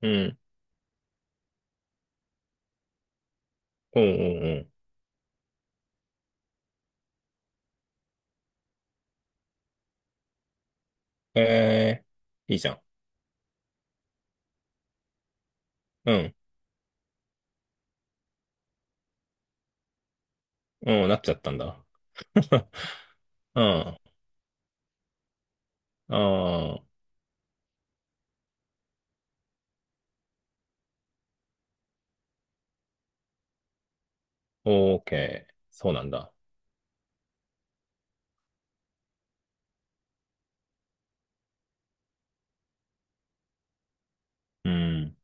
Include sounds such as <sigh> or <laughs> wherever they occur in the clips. うん。うんうんうん。えー、いいじゃん。うん。うん、なっちゃったんだ。<laughs> うん。ああ、オーケー。そうなんだ。うん。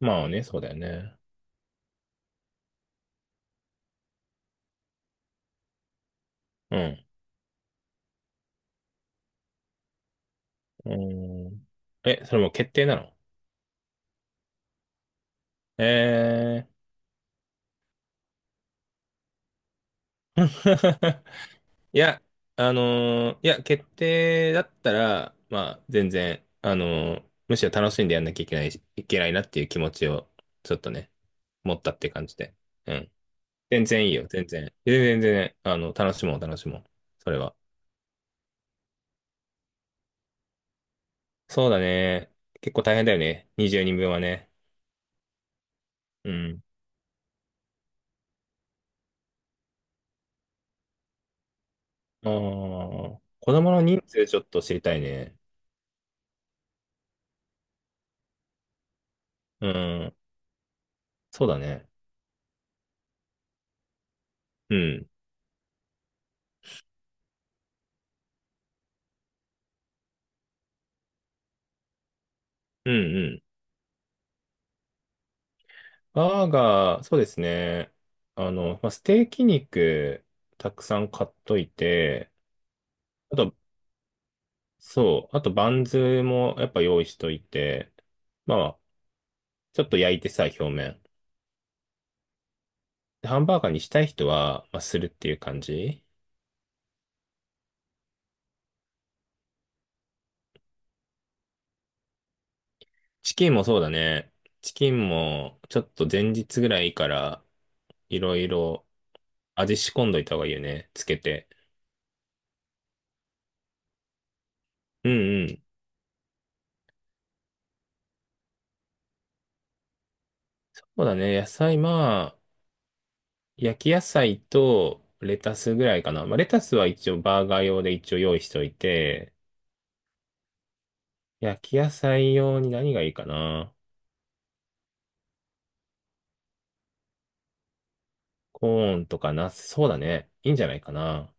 まあね、そうだよね。うん。うん。え、それもう決定なの？えー。<laughs> いや、いや、決定だったら、まあ、全然、むしろ楽しんでやんなきゃいけないし、いけないなっていう気持ちを、ちょっとね、持ったって感じで。うん。全然いいよ、全然。全然、全然、楽しもう、楽しもう。それは。そうだね。結構大変だよね。20人分はね。うん。ああ、子供の人数ちょっと知りたいね。うん。そうだね。うん。うん、うん。バーガー、そうですね。まあ、ステーキ肉、たくさん買っといて、あと、そう、あとバンズもやっぱ用意しといて、まあ、ちょっと焼いてさ、表面。ハンバーガーにしたい人は、まあ、するっていう感じ。チキンもそうだね。チキンも、ちょっと前日ぐらいから、いろいろ味仕込んどいた方がいいよね。つけて。うんうん。そうだね。野菜、まあ、焼き野菜とレタスぐらいかな。まあ、レタスは一応バーガー用で一応用意しておいて、焼き野菜用に何がいいかな。コーンとかナス、そうだね。いいんじゃないかな。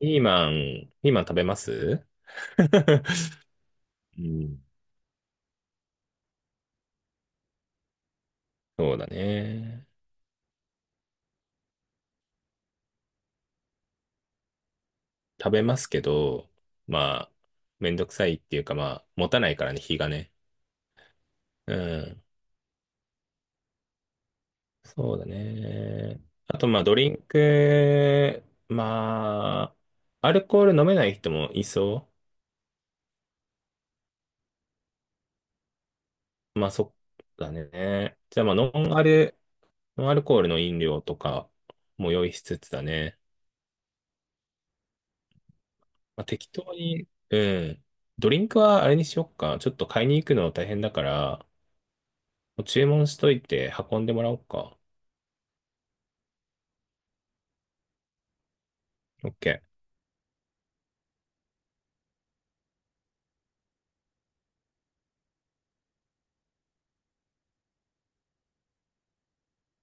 ピーマン、ピーマン食べます？ <laughs> うん、そうだね。食べますけど、まあ、めんどくさいっていうか、まあ、持たないからね、日がね。うん。そうだね。あと、まあ、ドリンク、まあ、アルコール飲めない人もいそう。まあ、そうだね。じゃあ、まあ、ノンアルコールの飲料とかも用意しつつだね。まあ、適当に、うん。ドリンクはあれにしよっか。ちょっと買いに行くの大変だから、もう注文しといて運んでもらおうか。OK。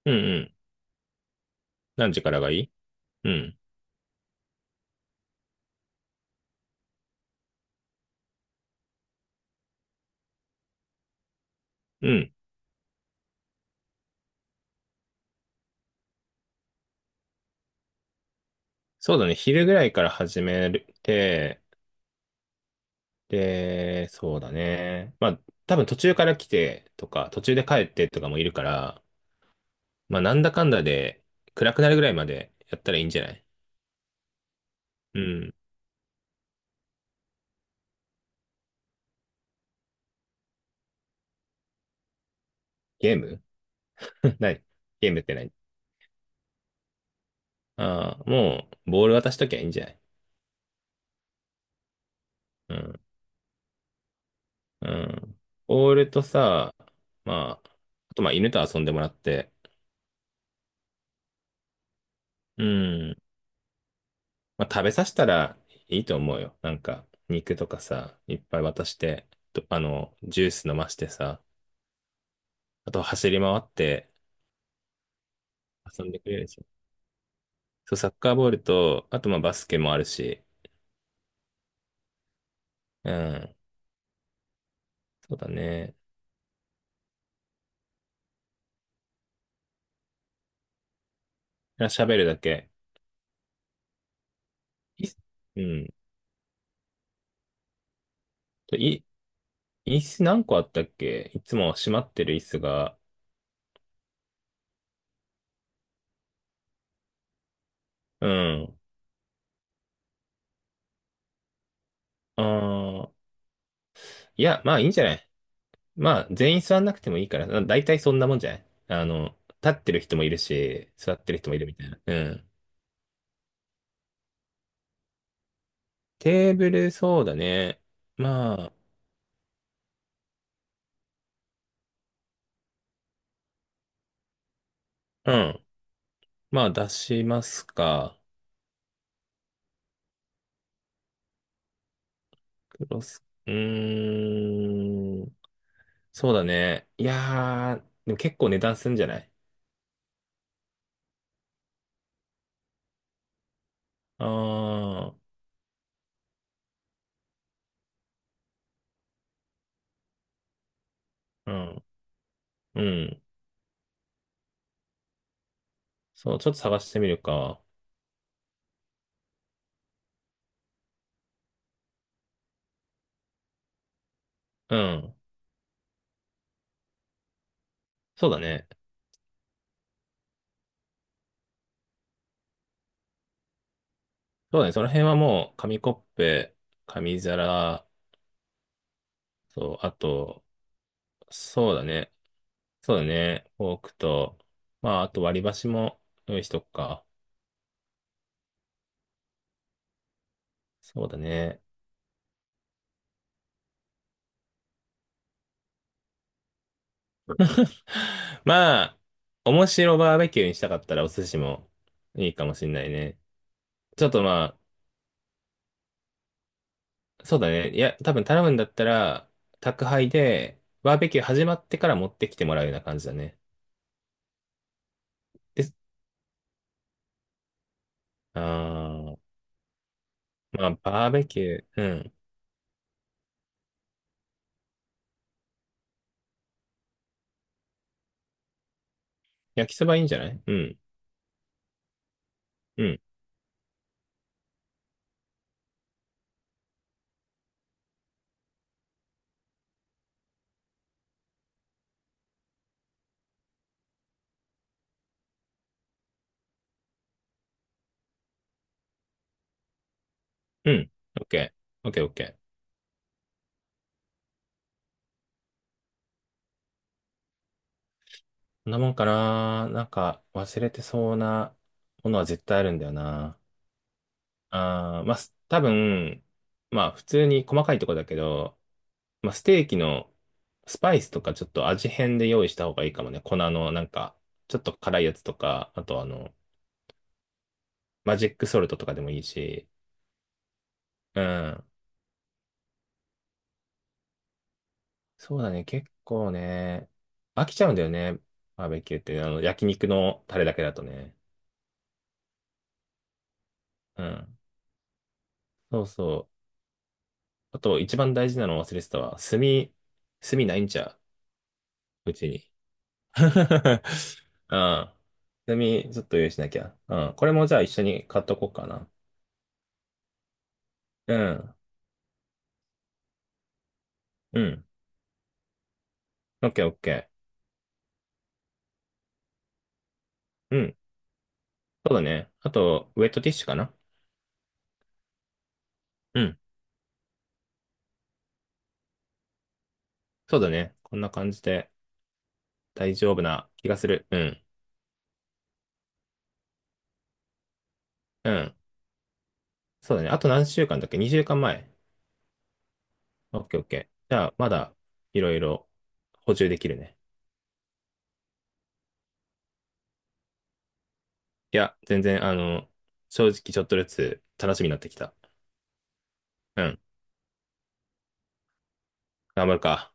うんうん。何時からがいい？うん。うん。そうだね。昼ぐらいから始めて、で、そうだね。まあ、多分途中から来てとか、途中で帰ってとかもいるから、まあ、なんだかんだで暗くなるぐらいまでやったらいいんじゃない？うん。ゲーム？ <laughs> 何？ゲームって何？ああー、もう、ボール渡しときゃいいんじゃない？うん。うん。ボールとさ、まあ、あとまあ犬と遊んでもらって、うん。まあ、食べさせたらいいと思うよ。なんか、肉とかさ、いっぱい渡して、とジュース飲ましてさ、あと走り回って遊んでくれるでしょ。そう、サッカーボールと、あとまあバスケもあるし、うん、そうだね。喋るだけ。いうん。とい、椅子何個あったっけ？いつも閉まってる椅子が。うん。ああ、いや、まあいいんじゃない？まあ、全員座んなくてもいいから、だいたいそんなもんじゃない？立ってる人もいるし、座ってる人もいるみたいな。うん。テーブル、そうだね。まあ、うん。まあ、出しますか。クロス、うーん。そうだね。いやー、でも結構値段すんじゃない？ああー、うん。うん。そう、ちょっと探してみるか。うん。そうだね。そうだね。その辺はもう、紙コップ、紙皿、そう、あと、そうだね。そうだね。フォークと、まあ、あと割り箸も用意しとくか。そうだね。<sighs> まあ、面白バーベキューにしたかったらお寿司もいいかもしんないね。ちょっとまあ、そうだね。いや、多分頼むんだったら、宅配で、バーベキュー始まってから持ってきてもらうような感じだね。で、あー、まあ、バーベキュー、うん。焼きそばいいんじゃない？うん、うん、うん。オッケー、オッケー、オッケー。こんなもんかな。なんか忘れてそうなものは絶対あるんだよな。あー、まあ、多分、まあ普通に細かいとこだけど、まあステーキのスパイスとかちょっと味変で用意した方がいいかもね。粉のなんか、ちょっと辛いやつとか、あとマジックソルトとかでもいいし。うん。そうだね。結構ね、飽きちゃうんだよね。バーベキューって、焼肉のタレだけだとね。うん。そうそう。あと、一番大事なの忘れてたわ。炭、炭ないんちゃう、うちに。<laughs> うん。炭、ちょっと用意しなきゃ。うん。これもじゃあ一緒に買っとこうかな。うん。うん。オッケーオッケー。うん。そうだね。あと、ウェットティッシュかな？うん。そうだね。こんな感じで大丈夫な気がする。うん。うん。そうだね。あと何週間だっけ？ 2 週間前。オッケーオッケー。じゃあ、まだいろいろ補充できるね。いや、全然、正直ちょっとずつ楽しみになってきた。うん。頑張るか。